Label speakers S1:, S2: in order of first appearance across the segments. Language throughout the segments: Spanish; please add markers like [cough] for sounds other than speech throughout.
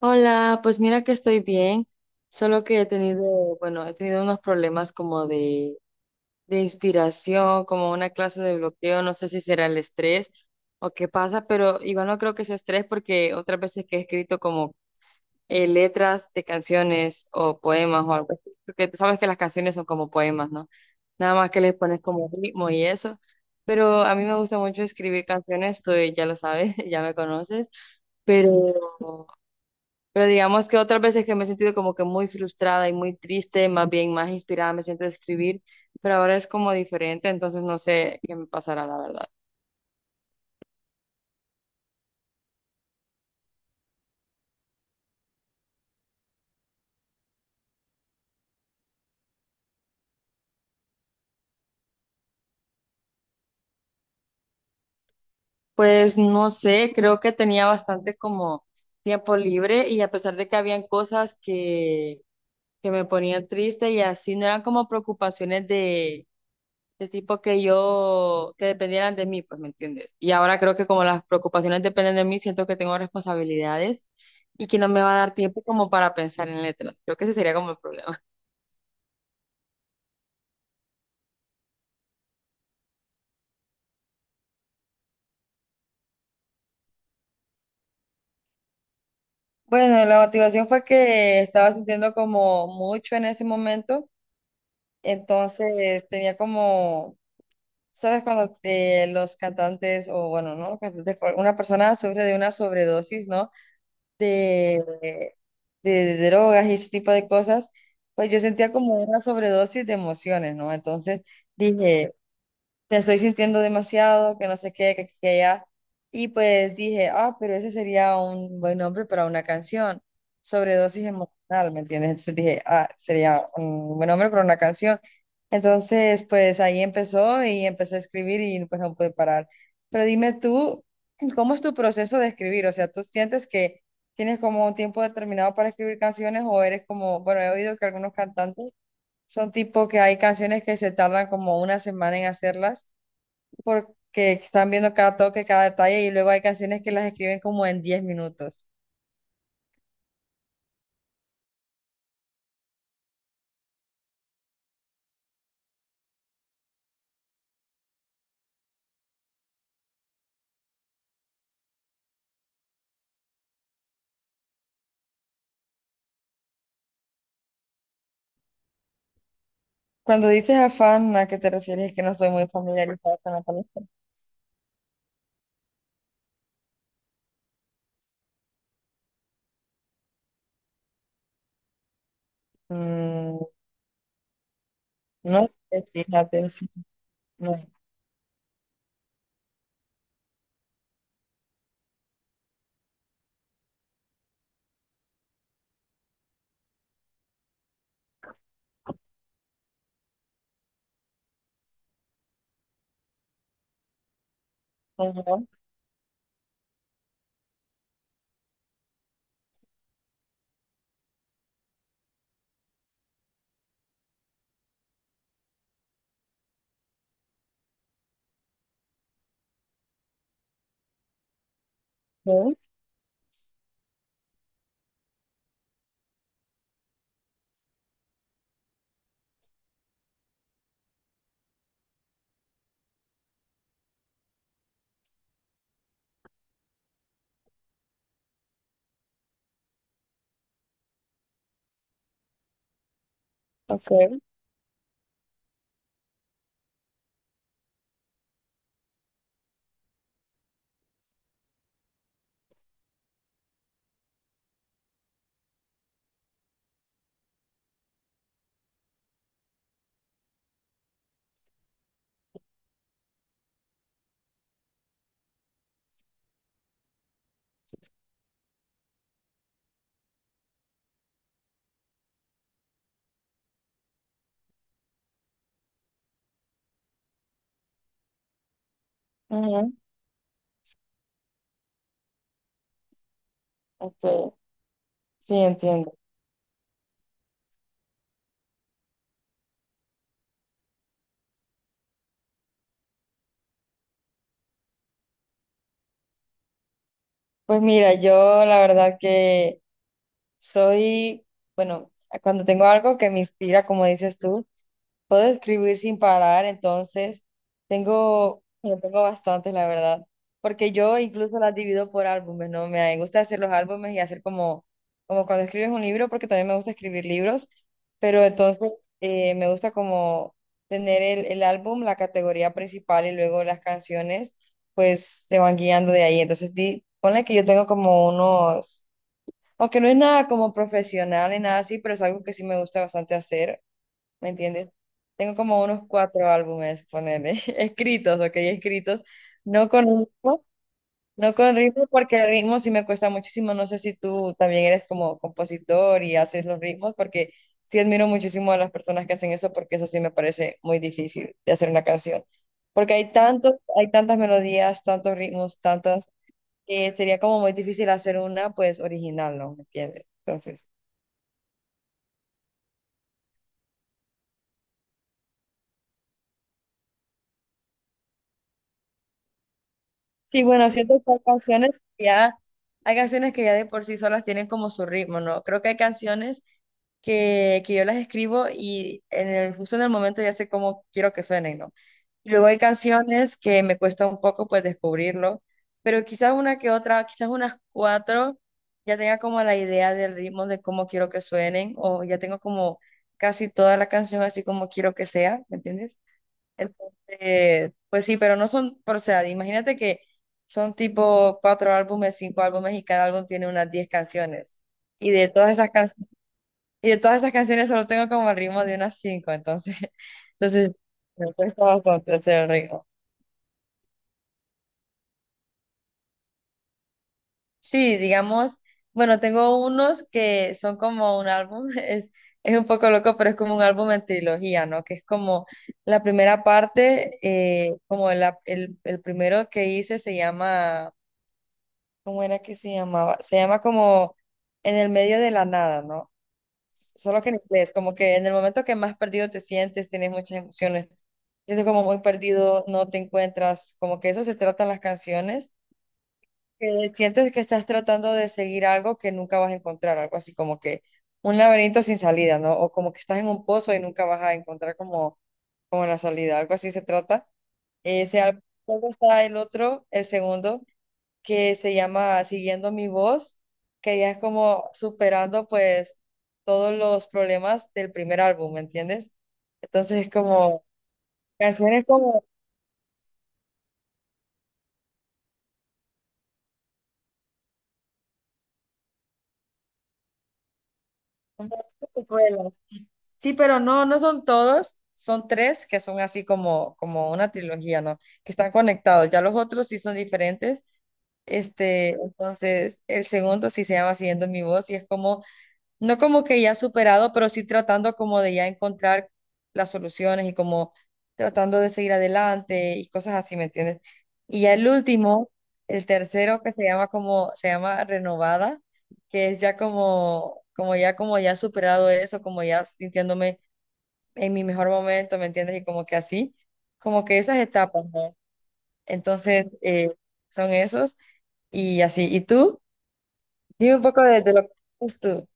S1: Hola, pues mira que estoy bien, solo que bueno, he tenido unos problemas como de inspiración, como una clase de bloqueo, no sé si será el estrés o qué pasa, pero igual no creo que sea estrés porque otras veces que he escrito como letras de canciones o poemas o algo así, porque sabes que las canciones son como poemas, ¿no? Nada más que les pones como ritmo y eso, pero a mí me gusta mucho escribir canciones, tú ya lo sabes, [laughs] ya me conoces, pero... Pero digamos que otras veces que me he sentido como que muy frustrada y muy triste, más bien más inspirada me siento a escribir, pero ahora es como diferente, entonces no sé qué me pasará, la verdad. Pues no sé, creo que tenía bastante como tiempo libre y a pesar de que habían cosas que me ponían triste y así, no eran como preocupaciones de tipo que yo, que dependieran de mí, pues, ¿me entiendes? Y ahora creo que como las preocupaciones dependen de mí, siento que tengo responsabilidades y que no me va a dar tiempo como para pensar en letras. Creo que ese sería como el problema. Bueno, la motivación fue que estaba sintiendo como mucho en ese momento, entonces tenía como, ¿sabes? Cuando los cantantes, o bueno, no los cantantes, pero una persona sufre de una sobredosis, ¿no? de, de drogas y ese tipo de cosas, pues yo sentía como una sobredosis de emociones, ¿no? Entonces dije, te estoy sintiendo demasiado, que no sé qué, que aquí, que allá. Y pues dije, ah, pero ese sería un buen nombre para una canción, sobredosis emocional, ¿me entiendes? Entonces dije, ah, sería un buen nombre para una canción. Entonces, pues ahí empezó y empecé a escribir y pues no pude parar. Pero dime tú, ¿cómo es tu proceso de escribir? O sea, ¿tú sientes que tienes como un tiempo determinado para escribir canciones o eres como, bueno, he oído que algunos cantantes son tipo que hay canciones que se tardan como una semana en hacerlas? Porque están viendo cada toque, cada detalle y luego hay canciones que las escriben como en 10 minutos. Cuando dices afán, ¿a qué te refieres? Es que no soy muy familiarizada con la palabra. Mm, no sé, fíjate, sí. No. Ajá, sí, ok, ajá, ok. Sí, entiendo. Pues mira, yo la verdad que soy, bueno, cuando tengo algo que me inspira, como dices tú, puedo escribir sin parar, entonces yo tengo bastantes, la verdad, porque yo incluso las divido por álbumes, ¿no? Me gusta hacer los álbumes y hacer como, como cuando escribes un libro, porque también me gusta escribir libros, pero entonces me gusta como tener el álbum, la categoría principal y luego las canciones, pues se van guiando de ahí. Entonces, di, ponle que yo tengo como unos, aunque no es nada como profesional ni nada así, pero es algo que sí me gusta bastante hacer, ¿me entiendes? Tengo como unos cuatro álbumes, ponerle, [laughs] escritos, ok, escritos, no con ritmo, no con ritmo porque el ritmo sí me cuesta muchísimo, no sé si tú también eres como compositor y haces los ritmos, porque sí admiro muchísimo a las personas que hacen eso, porque eso sí me parece muy difícil de hacer una canción, porque hay tantos, hay tantas melodías, tantos ritmos, tantas, que sería como muy difícil hacer una, pues, original, ¿no? ¿Me entiendes? Entonces... Sí, bueno, siento que hay canciones que ya, hay canciones que ya de por sí solas tienen como su ritmo, ¿no? Creo que hay canciones que yo las escribo y justo en el momento ya sé cómo quiero que suenen, ¿no? Luego hay canciones que me cuesta un poco pues descubrirlo, pero quizás una que otra, quizás unas cuatro, ya tenga como la idea del ritmo de cómo quiero que suenen o ya tengo como casi toda la canción así como quiero que sea, ¿me entiendes? Entonces, pues sí, pero no son, pero, o sea, imagínate que son tipo cuatro álbumes, cinco álbumes y cada álbum tiene unas 10 canciones. Y de todas esas can- y de todas esas canciones solo tengo como el ritmo de unas cinco, entonces, [laughs] entonces me cuesta bastante hacer el ritmo. Sí, digamos, bueno, tengo unos que son como un álbum, [laughs] es un poco loco, pero es como un álbum en trilogía, ¿no? Que es como la primera parte, como el primero que hice se llama ¿Cómo era que se llamaba? Se llama como en el medio de la nada, ¿no? Solo que en inglés, como que en el momento que más perdido te sientes, tienes muchas emociones, sientes como muy perdido, no te encuentras, como que eso se tratan las canciones, que sientes que estás tratando de seguir algo que nunca vas a encontrar, algo así como que un laberinto sin salida, ¿no? O como que estás en un pozo y nunca vas a encontrar como, como la salida, algo así se trata. Ese álbum, luego está el otro, el segundo, que se llama Siguiendo mi voz, que ya es como superando pues todos los problemas del primer álbum, ¿me entiendes? Entonces es como canciones como... Como secuelas. Sí, pero no, no son todos, son tres que son así como, como una trilogía, ¿no? Que están conectados, ya los otros sí son diferentes. Este, entonces, el segundo sí se llama Siguiendo mi voz y es como no como que ya superado, pero sí tratando como de ya encontrar las soluciones y como tratando de seguir adelante y cosas así, ¿me entiendes? Y ya el último, el tercero que se llama como, se llama renovada, que es ya como, como ya superado eso, como ya sintiéndome en mi mejor momento, ¿me entiendes? Y como que así, como que esas etapas, ¿no? Entonces, son esos y así. ¿Y tú? Dime un poco de lo que haces tú.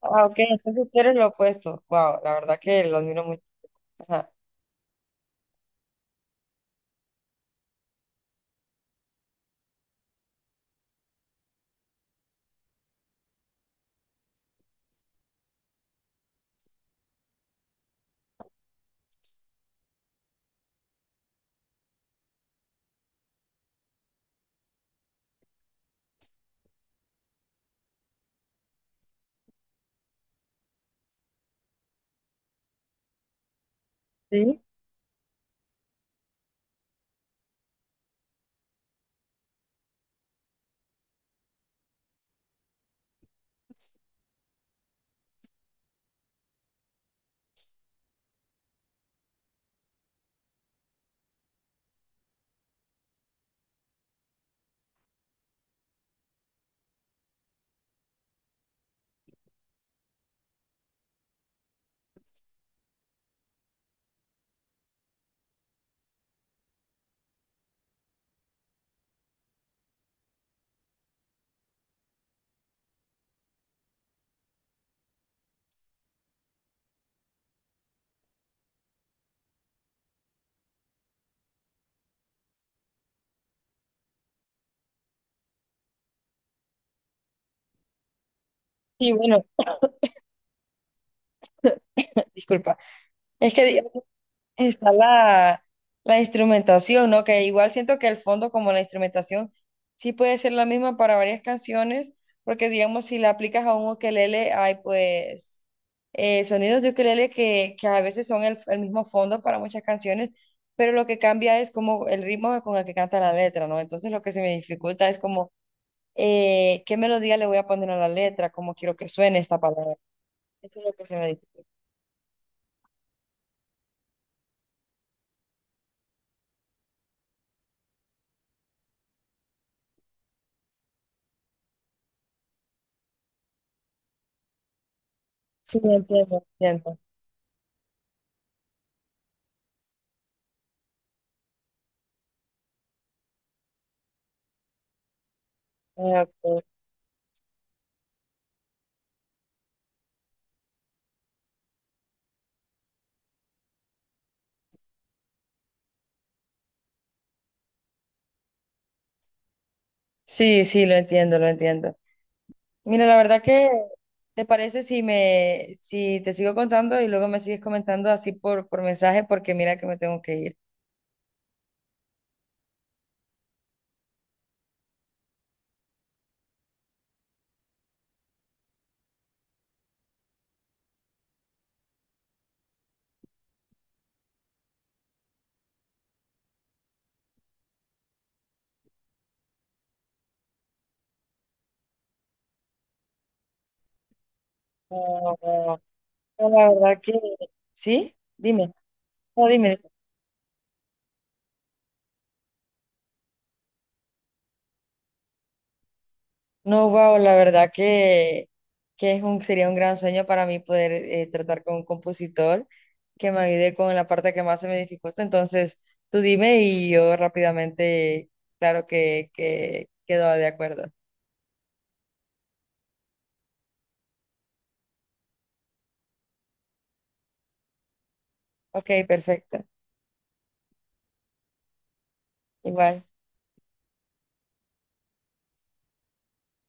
S1: Ah, ok, entonces tú eres lo opuesto. Wow, la verdad que lo admiro mucho. Ajá. Sí. Y bueno, disculpa. Es que digamos, está la instrumentación, ¿no? Que igual siento que el fondo, como la instrumentación, sí puede ser la misma para varias canciones, porque digamos, si la aplicas a un ukelele, hay pues sonidos de ukelele que a veces son el mismo fondo para muchas canciones, pero lo que cambia es como el ritmo con el que canta la letra, ¿no? Entonces lo que se me dificulta es como qué melodía le voy a poner a la letra, cómo quiero que suene esta palabra. Eso es lo que se me dice. Sí, lo entiendo, lo entiendo. Ah, ok. Sí, sí, lo entiendo, lo entiendo. Mira, la verdad que, ¿te parece si te sigo contando y luego me sigues comentando así por mensaje? Porque mira que me tengo que ir. Ah, ah, ah. La verdad que, ¿sí? Dime. No, wow, la verdad que es un, sería un gran sueño para mí poder tratar con un compositor que me ayude con la parte que más se me dificulta. Entonces, tú dime y yo rápidamente, claro que quedo de acuerdo. Ok, perfecto. Igual.